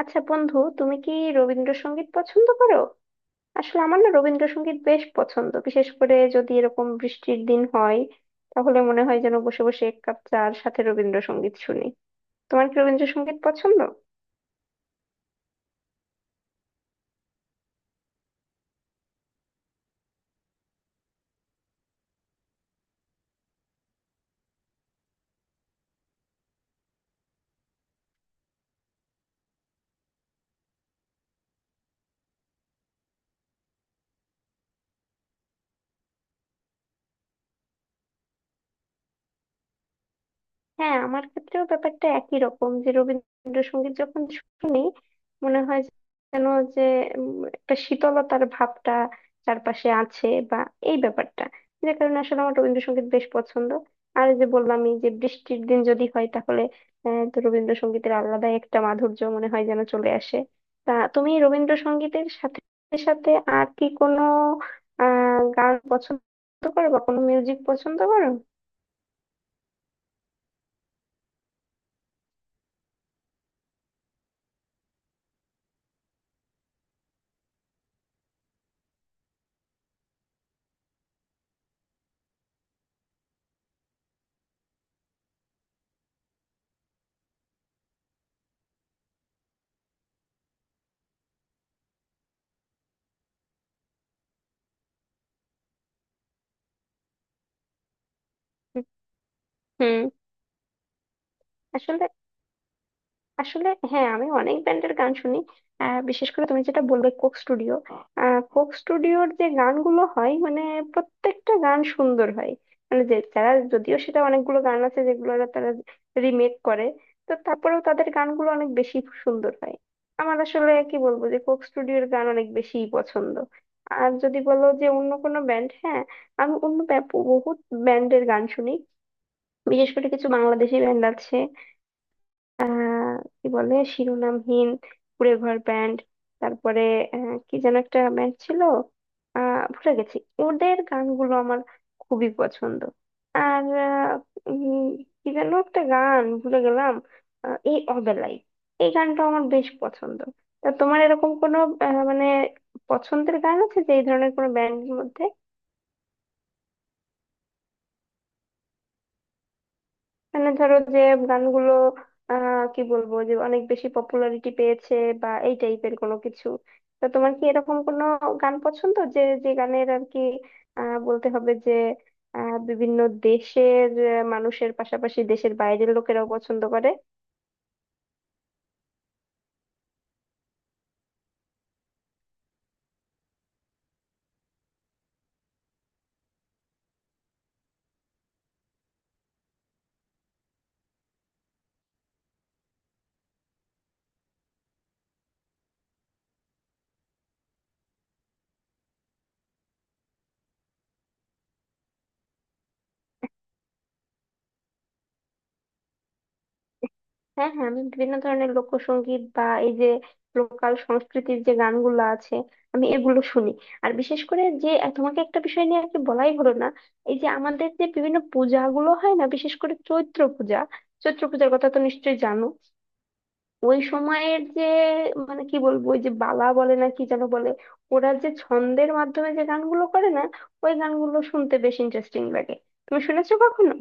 আচ্ছা বন্ধু, তুমি কি রবীন্দ্রসঙ্গীত পছন্দ করো? আসলে আমার না রবীন্দ্রসঙ্গীত বেশ পছন্দ, বিশেষ করে যদি এরকম বৃষ্টির দিন হয়, তাহলে মনে হয় যেন বসে বসে এক কাপ চার সাথে রবীন্দ্রসঙ্গীত শুনি। তোমার কি রবীন্দ্রসঙ্গীত পছন্দ? হ্যাঁ, আমার ক্ষেত্রেও ব্যাপারটা একই রকম, যে রবীন্দ্রসঙ্গীত যখন শুনি মনে হয় যেন যে একটা শীতলতার ভাবটা চারপাশে আছে, বা এই ব্যাপারটা, যে কারণে আসলে আমার রবীন্দ্রসঙ্গীত বেশ পছন্দ। আর এই যে বললাম, এই যে বৃষ্টির দিন যদি হয় তাহলে তো রবীন্দ্রসঙ্গীতের আলাদাই একটা মাধুর্য মনে হয় যেন চলে আসে। তা তুমি রবীন্দ্রসঙ্গীতের সাথে সাথে আর কি কোনো গান পছন্দ করো, বা কোনো মিউজিক পছন্দ করো? হুম। আসলে, হ্যাঁ, আমি অনেক ব্যান্ডের গান শুনি। বিশেষ করে তুমি যেটা বলবে, কোক স্টুডিও। কোক স্টুডিওর যে গানগুলো হয় মানে প্রত্যেকটা গান সুন্দর হয়। মানে যে যদিও সেটা, অনেকগুলো গান আছে যেগুলো তারা রিমেক করে, তো তারপরেও তাদের গানগুলো অনেক বেশি সুন্দর হয়। আমার আসলে কি বলবো, যে কোক স্টুডিওর গান অনেক বেশি পছন্দ। আর যদি বলো যে অন্য কোনো ব্যান্ড, হ্যাঁ আমি বহুত ব্যান্ডের গান শুনি। বিশেষ করে কিছু বাংলাদেশি ব্যান্ড আছে, আহ কি বলে, শিরোনামহীন, কুঁড়ে ঘর ব্যান্ড, তারপরে কি যেন একটা ব্যান্ড ছিল, ভুলে গেছি। ওদের গানগুলো আমার খুবই পছন্দ। আর উম, কি যেন একটা গান ভুলে গেলাম, এই অবেলাই, এই গানটা আমার বেশ পছন্দ। তা তোমার এরকম কোনো মানে পছন্দের গান আছে, যে এই ধরনের কোনো ব্যান্ডের মধ্যে? মানে ধরো যে গানগুলো কি বলবো, যে অনেক বেশি পপুলারিটি পেয়েছে, বা এই টাইপের কোনো কিছু? তো তোমার কি এরকম কোনো গান পছন্দ, যে যে গানের আর কি বলতে হবে যে বিভিন্ন দেশের মানুষের পাশাপাশি দেশের বাইরের লোকেরাও পছন্দ করে? হ্যাঁ হ্যাঁ, আমি বিভিন্ন ধরনের লোকসঙ্গীত, বা এই যে লোকাল সংস্কৃতির যে গানগুলো আছে আমি এগুলো শুনি। আর বিশেষ করে যে তোমাকে একটা বিষয় নিয়ে আর কি বলাই হলো না, এই যে আমাদের যে বিভিন্ন পূজাগুলো হয় না, বিশেষ করে চৈত্র পূজা। চৈত্র পূজার কথা তো নিশ্চয়ই জানো। ওই সময়ের যে মানে কি বলবো, ওই যে বালা বলে না, কি যেন বলে, ওরা যে ছন্দের মাধ্যমে যে গানগুলো করে না, ওই গানগুলো শুনতে বেশ ইন্টারেস্টিং লাগে। তুমি শুনেছো কখনো?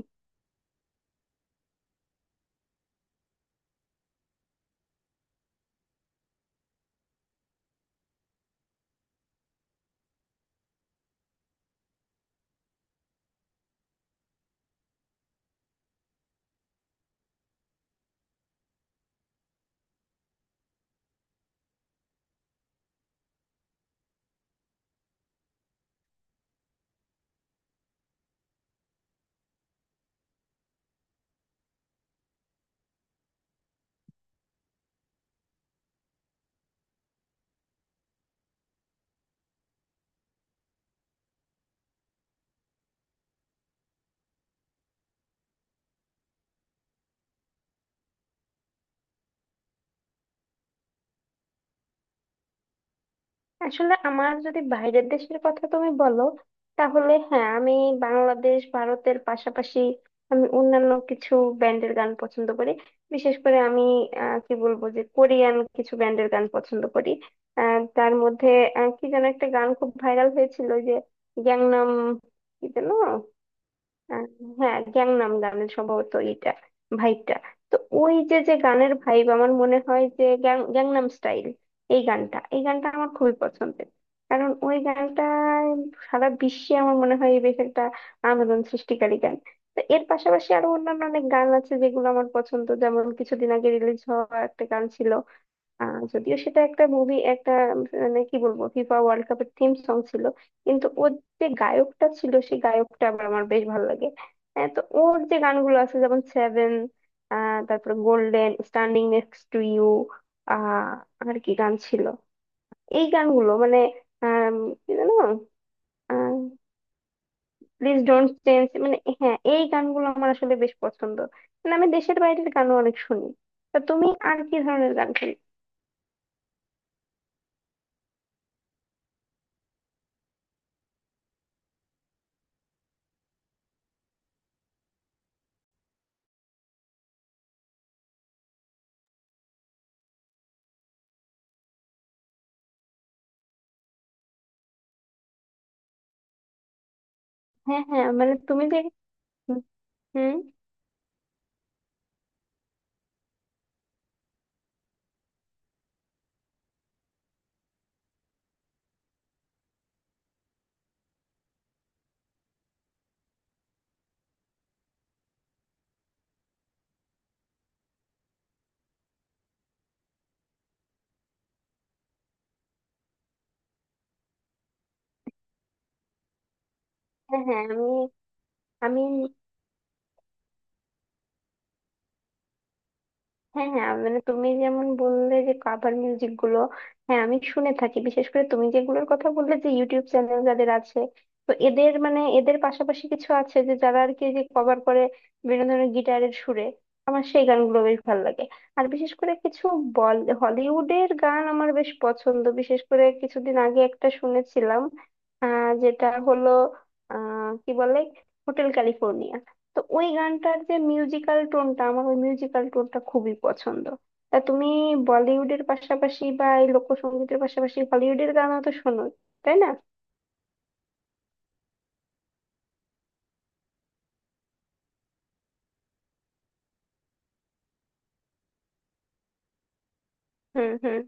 আসলে আমার যদি বাইরের দেশের কথা তুমি বলো, তাহলে হ্যাঁ, আমি বাংলাদেশ ভারতের পাশাপাশি আমি অন্যান্য কিছু ব্যান্ডের গান পছন্দ করি। বিশেষ করে আমি কি বলবো, যে কোরিয়ান কিছু ব্যান্ডের গান পছন্দ করি। তার মধ্যে কি যেন একটা গান খুব ভাইরাল হয়েছিল, ওই যে গ্যাংনাম কি যেন, আহ, হ্যাঁ গ্যাংনাম গানের সম্ভবত এটা ভাইবটা। তো ওই যে, যে গানের ভাইব আমার মনে হয়, যে গ্যাংনাম স্টাইল, এই গানটা আমার খুবই পছন্দের। কারণ ওই গানটা সারা বিশ্বে আমার মনে হয় বেশ একটা আন্দোলন সৃষ্টিকারী গান। তো এর পাশাপাশি আরো অন্যান্য অনেক গান আছে যেগুলো আমার পছন্দ, যেমন কিছুদিন আগে রিলিজ হওয়া একটা গান ছিল, যদিও সেটা একটা মুভি, মানে কি বলবো, ফিফা ওয়ার্ল্ড কাপের থিম সং ছিল। কিন্তু ওর যে গায়কটা ছিল, সেই গায়কটা আবার আমার বেশ ভালো লাগে। হ্যাঁ, তো ওর যে গানগুলো আছে, যেমন সেভেন, তারপর golden, standing next to you, আহ আর কি গান ছিল, এই গানগুলো মানে আম, কি জানো, প্লিজ ডোন্ট চেঞ্জ, মানে হ্যাঁ এই গানগুলো আমার আসলে বেশ পছন্দ। মানে আমি দেশের বাইরের গানও অনেক শুনি। তা তুমি আর কি ধরনের গান শুনি? হ্যাঁ হ্যাঁ, মানে তুমি যে, হুম। হ্যাঁ হ্যাঁ, আমি আমি। হ্যাঁ হ্যাঁ, মানে তুমি যেমন বললে যে কাভার মিউজিক গুলো, হ্যাঁ আমি শুনে থাকি। বিশেষ করে তুমি যেগুলোর কথা বললে, যে ইউটিউব চ্যানেল যাদের আছে, তো এদের পাশাপাশি কিছু আছে, যে যারা আর কি যে কভার করে বিভিন্ন ধরনের গিটারের সুরে, আমার সেই গানগুলো বেশ ভালো লাগে। আর বিশেষ করে কিছু বল হলিউডের গান আমার বেশ পছন্দ, বিশেষ করে কিছুদিন আগে একটা শুনেছিলাম, যেটা হলো কি বলে, হোটেল ক্যালিফোর্নিয়া। তো ওই গানটার যে মিউজিক্যাল টোনটা, আমার ওই মিউজিক্যাল টোনটা খুবই পছন্দ। তা তুমি বলিউডের পাশাপাশি, বা এই লোকসঙ্গীতের পাশাপাশি হলিউডের গানও তো শোনো, তাই না? হুম হুম।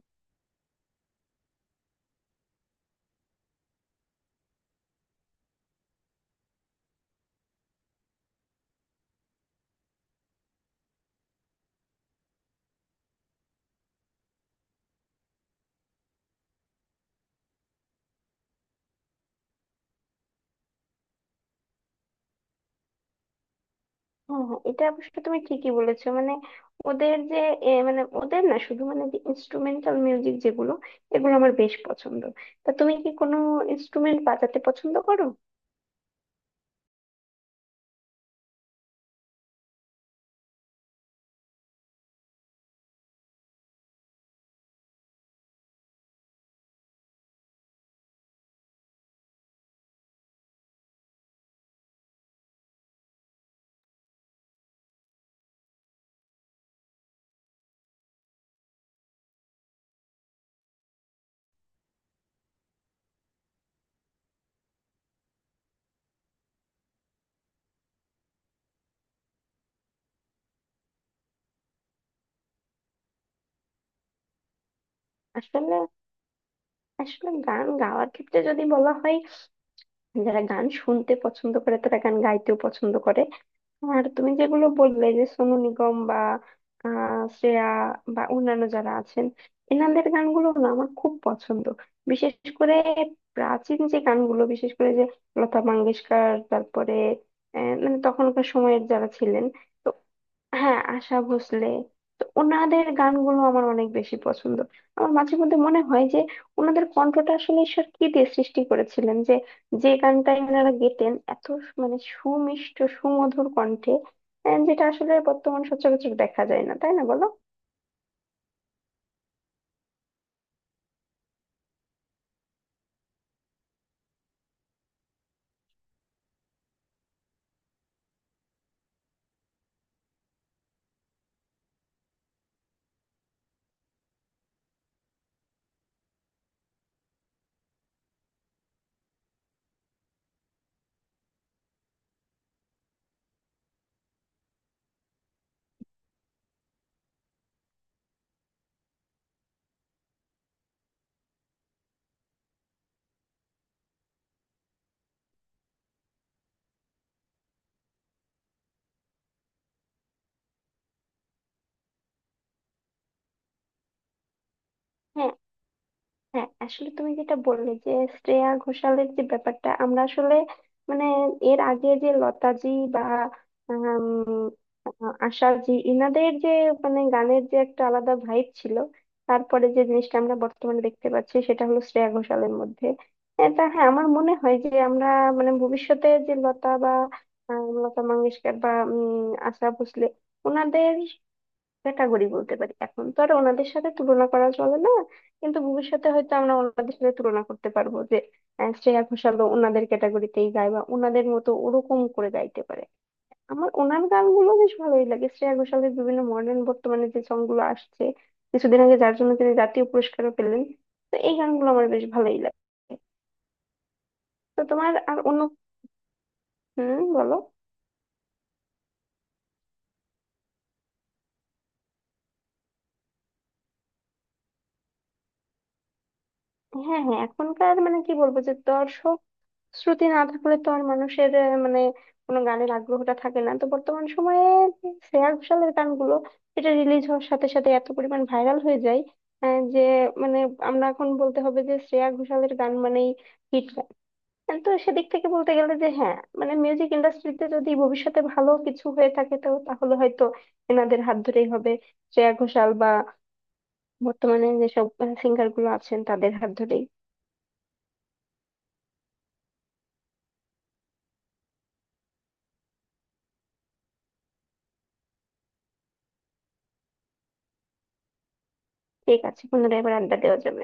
হ্যাঁ হ্যাঁ, এটা অবশ্য তুমি ঠিকই বলেছো। মানে ওদের যে মানে ওদের না শুধু, মানে যে ইনস্ট্রুমেন্টাল মিউজিক যেগুলো, এগুলো আমার বেশ পছন্দ। তা তুমি কি কোনো ইনস্ট্রুমেন্ট বাজাতে পছন্দ করো? আসলে, গান গাওয়ার ক্ষেত্রে যদি বলা হয়, যারা গান শুনতে পছন্দ করে তারা গান গাইতেও পছন্দ করে। আর তুমি যেগুলো বললে, যে সোনু নিগম বা শ্রেয়া, বা অন্যান্য যারা আছেন, এনাদের গানগুলো না আমার খুব পছন্দ। বিশেষ করে প্রাচীন যে গানগুলো, বিশেষ করে যে লতা মঙ্গেশকর, তারপরে মানে তখনকার সময়ের যারা ছিলেন, হ্যাঁ আশা ভোসলে, তো ওনাদের গানগুলো আমার অনেক বেশি পছন্দ। আমার মাঝে মধ্যে মনে হয় যে ওনাদের কণ্ঠটা আসলে ঈশ্বর কি দিয়ে সৃষ্টি করেছিলেন, যে যে গানটাই ওনারা গেতেন এত মানে সুমিষ্ট সুমধুর কণ্ঠে, যেটা আসলে বর্তমান সচরাচর দেখা যায় না, তাই না বলো? হ্যাঁ হ্যাঁ, আসলে তুমি যেটা বললে, যে শ্রেয়া ঘোষালের যে ব্যাপারটা, আমরা আসলে মানে এর আগে যে লতাজি বা উম, আশাজি, ইনাদের যে মানে গানের যে একটা আলাদা ভাইব ছিল, তারপরে যে জিনিসটা আমরা বর্তমানে দেখতে পাচ্ছি সেটা হলো শ্রেয়া ঘোষালের মধ্যে। এটা হ্যাঁ, আমার মনে হয় যে আমরা মানে ভবিষ্যতে, যে লতা বা লতা মঙ্গেশকর বা আশা ভোসলে, ওনাদের ক্যাটাগরি বলতে পারি, এখন তো আর ওনাদের সাথে তুলনা করা চলে না, কিন্তু ভবিষ্যতে হয়তো আমরা ওনাদের সাথে তুলনা করতে পারবো, যে শ্রেয়া ঘোষালও ওনাদের ক্যাটাগরিতেই গায়, বা ওনাদের মতো ওরকম করে গাইতে পারে। আমার ওনার গানগুলো বেশ ভালোই লাগে, শ্রেয়া ঘোষালের বিভিন্ন মডার্ন বর্তমানে যে সংগুলো আসছে, কিছুদিন আগে যার জন্য তিনি জাতীয় পুরস্কারও পেলেন, তো এই গানগুলো আমার বেশ ভালোই লাগে। তো তোমার আর অন্য, হুম বলো। হ্যাঁ হ্যাঁ, এখনকার মানে কি বলবো, যে দর্শক শ্রুতি না থাকলে তো আর মানুষের মানে কোনো গানের আগ্রহটা থাকে না। তো বর্তমান সময়ে শ্রেয়া ঘোষালের গানগুলো এটা রিলিজ হওয়ার সাথে সাথে এত পরিমাণ ভাইরাল হয়ে যায়, যে মানে আমরা এখন বলতে হবে যে শ্রেয়া ঘোষালের গান মানেই হিট গান। তো সেদিক থেকে বলতে গেলে যে, হ্যাঁ মানে মিউজিক ইন্ডাস্ট্রিতে যদি ভবিষ্যতে ভালো কিছু হয়ে থাকে, তো তাহলে হয়তো এনাদের হাত ধরেই হবে, শ্রেয়া ঘোষাল বা বর্তমানে যেসব সিঙ্গার গুলো আছেন তাদের হাত ধরেই। ঠিক আছে, পুনরায় এবার আড্ডা দেওয়া যাবে।